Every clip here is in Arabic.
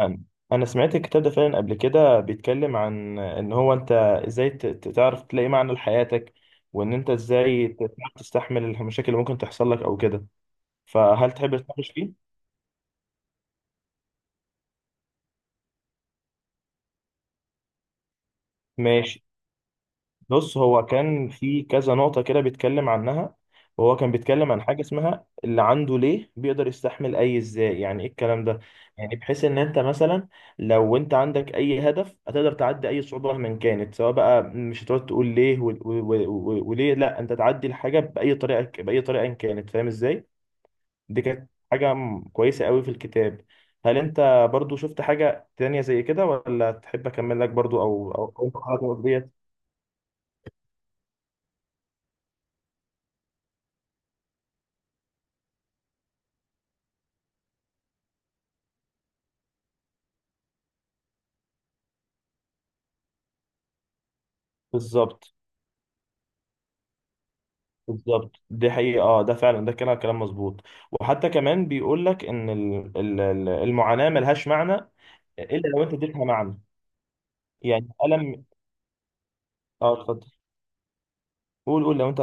أنا أنا سمعت الكتاب ده فعلا قبل كده، بيتكلم عن إن هو أنت إزاي تعرف تلاقي معنى لحياتك، وإن أنت إزاي تعرف تستحمل المشاكل اللي ممكن تحصل لك أو كده. فهل تحب تتناقش فيه؟ ماشي. بص هو كان في كذا نقطة كده بيتكلم عنها، وهو كان بيتكلم عن حاجة اسمها اللي عنده ليه بيقدر يستحمل أي إزاي، يعني إيه الكلام ده؟ يعني بحيث إن أنت مثلا لو أنت عندك أي هدف هتقدر تعدي أي صعوبة مهما كانت، سواء بقى مش هتقعد تقول ليه وليه، لأ، أنت تعدي الحاجة بأي طريقة بأي طريقة إن كانت، فاهم إزاي؟ دي كانت حاجة كويسة قوي في الكتاب. هل أنت برضو شفت حاجة تانية زي كده، ولا تحب أكمل لك برضو أو أنت حاجة ديت؟ بالظبط. بالظبط دي حقيقة، اه، ده فعلا ده كلام كلام مظبوط. وحتى كمان بيقول لك ان المعاناة ملهاش معنى، الا لو انت اديتها معنى. يعني اه، اتفضل. قول قول لو انت.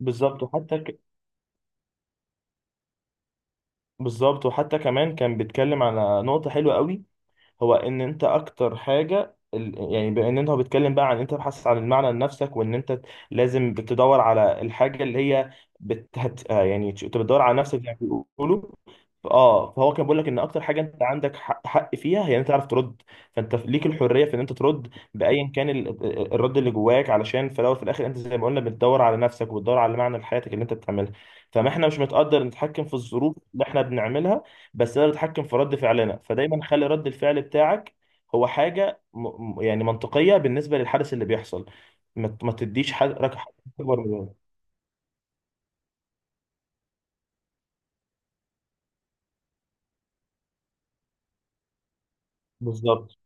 بالظبط وحتى ك... بالظبط وحتى كمان كان بيتكلم على نقطة حلوة قوي، هو ان انت اكتر حاجه يعني، بان انت هو بيتكلم بقى عن انت تبحث عن المعنى لنفسك، وان انت لازم بتدور على الحاجه اللي هي بت... هت... آه يعني انت بتدور على نفسك زي ما بيقولوا. فهو كان بيقول لك ان اكتر حاجه انت عندك حق فيها هي ان انت تعرف ترد. فانت ليك الحريه في ان انت ترد بايا كان الرد اللي جواك، علشان في الاول في الاخر انت زي ما قلنا بتدور على نفسك وبتدور على معنى لحياتك اللي انت بتعملها. فما احنا مش متقدر نتحكم في الظروف اللي احنا بنعملها، بس تقدر تتحكم في رد فعلنا، فدايما خلي رد الفعل بتاعك هو حاجه يعني منطقيه بالنسبه للحدث اللي بيحصل. ما تديش حد اكبر من ده. بالظبط.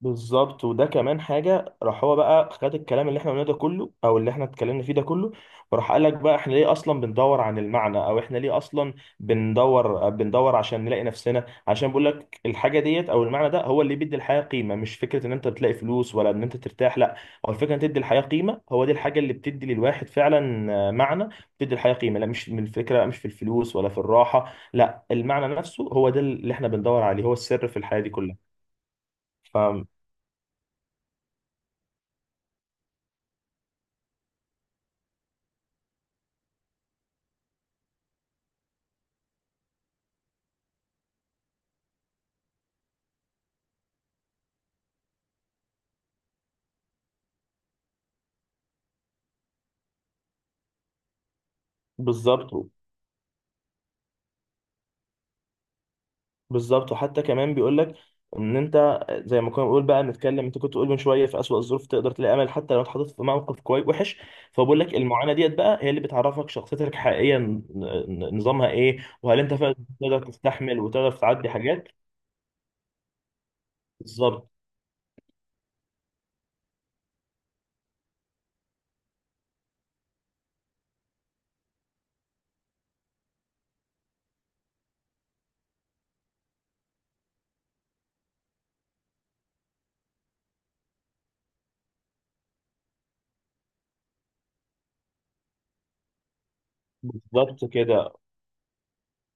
بالظبط وده كمان حاجه، راح هو بقى خد الكلام اللي احنا قلناه ده كله او اللي احنا اتكلمنا فيه ده كله، وراح قال لك بقى احنا ليه اصلا بندور عن المعنى، او احنا ليه اصلا بندور عشان نلاقي نفسنا، عشان بقول لك الحاجه ديت او المعنى ده هو اللي بيدي الحياه قيمه، مش فكره ان انت بتلاقي فلوس ولا ان انت ترتاح، لا، هو الفكره ان تدي الحياه قيمه، هو دي الحاجه اللي بتدي للواحد فعلا معنى. بتدي الحياه قيمه، لا، مش من الفكره، مش في الفلوس ولا في الراحه، لا، المعنى نفسه هو ده اللي احنا بندور عليه، هو السر في الحياه دي كلها. ف بالظبط. بالظبط وحتى كمان بيقول لك ان انت زي ما كنا بنقول بقى نتكلم، انت كنت تقول من شويه في اسوأ الظروف تقدر تلاقي امل حتى لو اتحطيت في موقف كويس وحش. فبقول لك المعاناه ديت بقى هي اللي بتعرفك شخصيتك حقيقيا، نظامها ايه، وهل انت فعلا تقدر تستحمل وتقدر تعدي حاجات. بالظبط. بالظبط كده.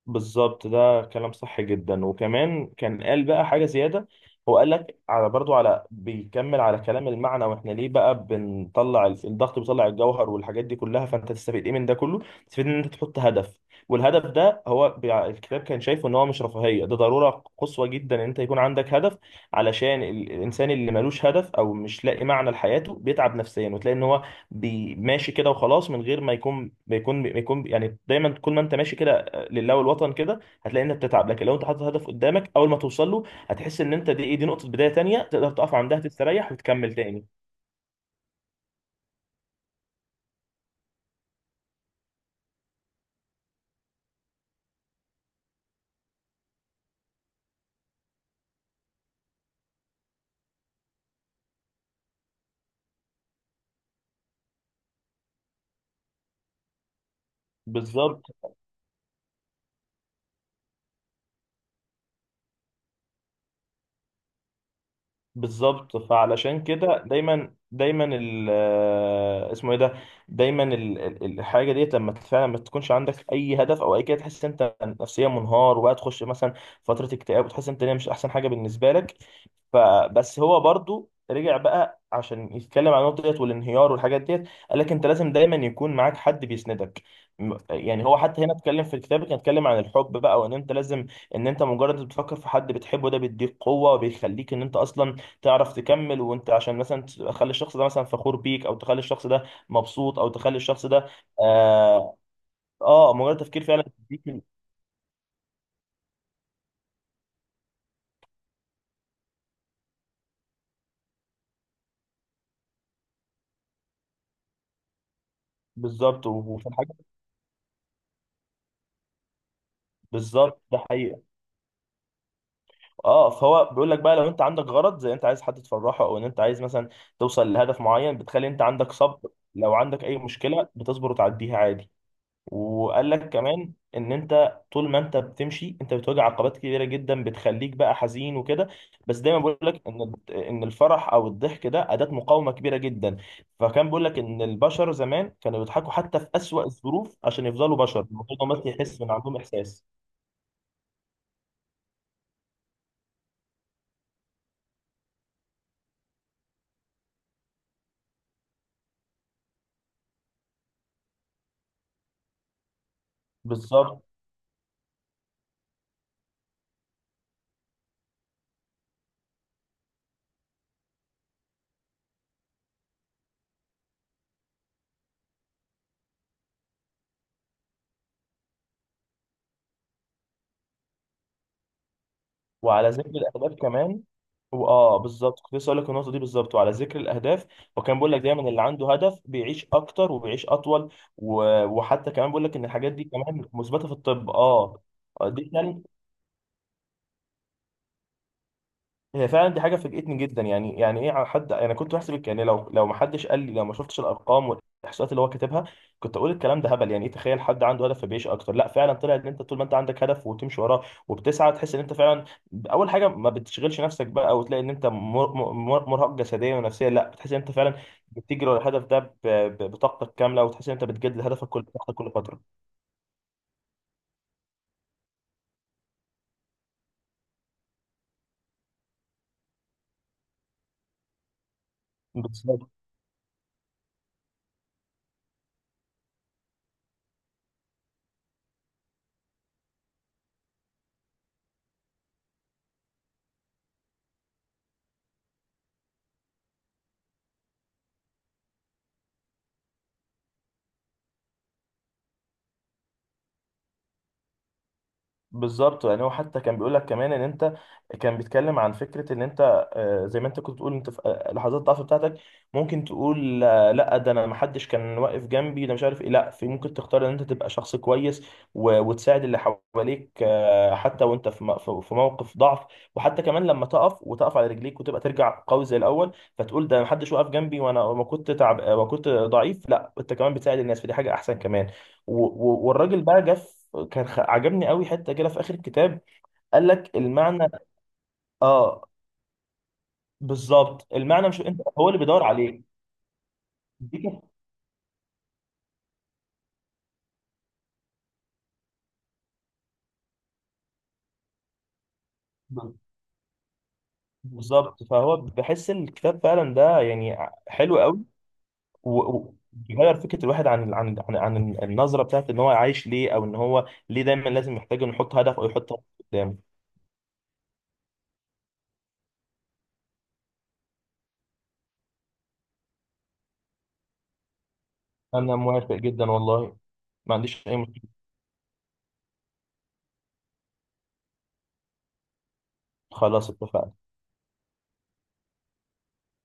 بالظبط ده كلام صح جدا، وكمان كان قال بقى حاجة زيادة. هو قال لك على برضو، على بيكمل على كلام المعنى، واحنا ليه بقى بنطلع الضغط بيطلع الجوهر والحاجات دي كلها، فانت تستفيد ايه من ده كله؟ تستفيد ان انت تحط هدف، والهدف ده هو الكتاب كان شايفه ان هو مش رفاهية، ده ضرورة قصوى جدا ان انت يكون عندك هدف، علشان الانسان اللي ملوش هدف او مش لاقي معنى لحياته بيتعب نفسيا، وتلاقي ان هو ماشي كده وخلاص، من غير ما يكون بيكون يعني، دايما طول ما انت ماشي كده لله والوطن كده، هتلاقي انك بتتعب. لكن لو انت حاطط هدف قدامك، اول ما توصل له هتحس ان انت دي نقطه بدايه تانية تقدر تقف عندها تستريح وتكمل تاني. بالظبط. بالظبط فعلشان كده دايما دايما ال آه، اسمه ايه ده دايما الحاجه ديت لما فعلا ما تكونش عندك اي هدف او اي كده، تحس إن انت نفسيا منهار، وبقى تخش مثلا فتره اكتئاب، وتحس إن انت مش احسن حاجه بالنسبه لك. فبس هو برضو رجع بقى عشان يتكلم عن النقطه ديت والانهيار والحاجات ديت، قال لك انت لازم دايما يكون معاك حد بيسندك. يعني هو حتى هنا اتكلم في الكتاب، كان اتكلم عن الحب بقى، وان انت لازم ان انت مجرد بتفكر في حد بتحبه، ده بيديك قوه وبيخليك ان انت اصلا تعرف تكمل، وانت عشان مثلا تخلي الشخص ده مثلا فخور بيك، او تخلي الشخص ده مبسوط، او تخلي الشخص ده. اه، آه، مجرد تفكير فعلا بيك. بالظبط وفي الحاجه. بالظبط ده حقيقه. اه، فهو بيقول لك بقى لو انت عندك غرض زي انت عايز حد تفرحه، او ان انت عايز مثلا توصل لهدف معين، بتخلي انت عندك صبر، لو عندك اي مشكله بتصبر وتعديها عادي. وقال لك كمان ان انت طول ما انت بتمشي انت بتواجه عقبات كبيره جدا بتخليك بقى حزين وكده. بس دايما بقول لك ان الفرح او الضحك ده اداه مقاومه كبيره جدا. فكان بيقول لك ان البشر زمان كانوا بيضحكوا حتى في اسوأ الظروف، عشان يفضلوا بشر، الموضوع ده بس يحس ان عندهم احساس. بالظبط وعلى ذكر الاهداف كمان. هو، اه، بالظبط كنت لسه اقول لك النقطه دي بالظبط، وعلى ذكر الاهداف وكان بيقول لك دايما اللي عنده هدف بيعيش اكتر وبيعيش اطول. وحتى كمان بيقول لك ان الحاجات دي كمان مثبته في الطب. اه. دي هي فعلا دي حاجه فاجئتني جدا، يعني ايه على حد؟ انا كنت بحسب يعني لو ما حدش قال لي، لو ما شفتش الارقام والاحصائيات اللي هو كاتبها، كنت اقول الكلام ده هبل، يعني ايه تخيل حد عنده هدف فبيعيش اكتر؟ لا فعلا طلع ان انت طول ما انت عندك هدف وتمشي وراه وبتسعى، تحس ان انت فعلا اول حاجه ما بتشغلش نفسك بقى، وتلاقي ان انت مرهق جسديا ونفسيا، لا، بتحس ان انت فعلا بتجري ورا الهدف ده بطاقتك كامله، وتحس ان انت بتجدد هدفك كل بطاقتك كل فتره. بالظبط. بالظبط يعني هو حتى كان بيقول لك كمان ان انت، كان بيتكلم عن فكره ان انت، زي ما انت كنت بتقول، انت في لحظات الضعف بتاعتك ممكن تقول لا ده انا ما حدش كان واقف جنبي ده مش عارف ايه، لا في، ممكن تختار ان انت تبقى شخص كويس وتساعد اللي حواليك حتى وانت في موقف ضعف. وحتى كمان لما تقف وتقف على رجليك وتبقى ترجع قوي زي الاول، فتقول ده ما حدش واقف جنبي وانا ما كنت تعب وكنت ضعيف، لا، انت كمان بتساعد الناس، فدي حاجه احسن كمان. والراجل بقى جه كان عجبني قوي حته كده في اخر الكتاب. قال لك المعنى. اه، بالظبط، المعنى مش انت هو اللي بيدور عليه. دي كانت- بالظبط، فهو بحس إن الكتاب فعلا ده يعني حلو قوي، بيغير فكره الواحد عن, النظره بتاعت ان هو عايش ليه، او ان هو ليه دايما لازم يحتاج انه يحط هدف او يحط هدف قدامه. انا موافق جدا والله. ما عنديش اي مشكله. خلاص اتفقنا.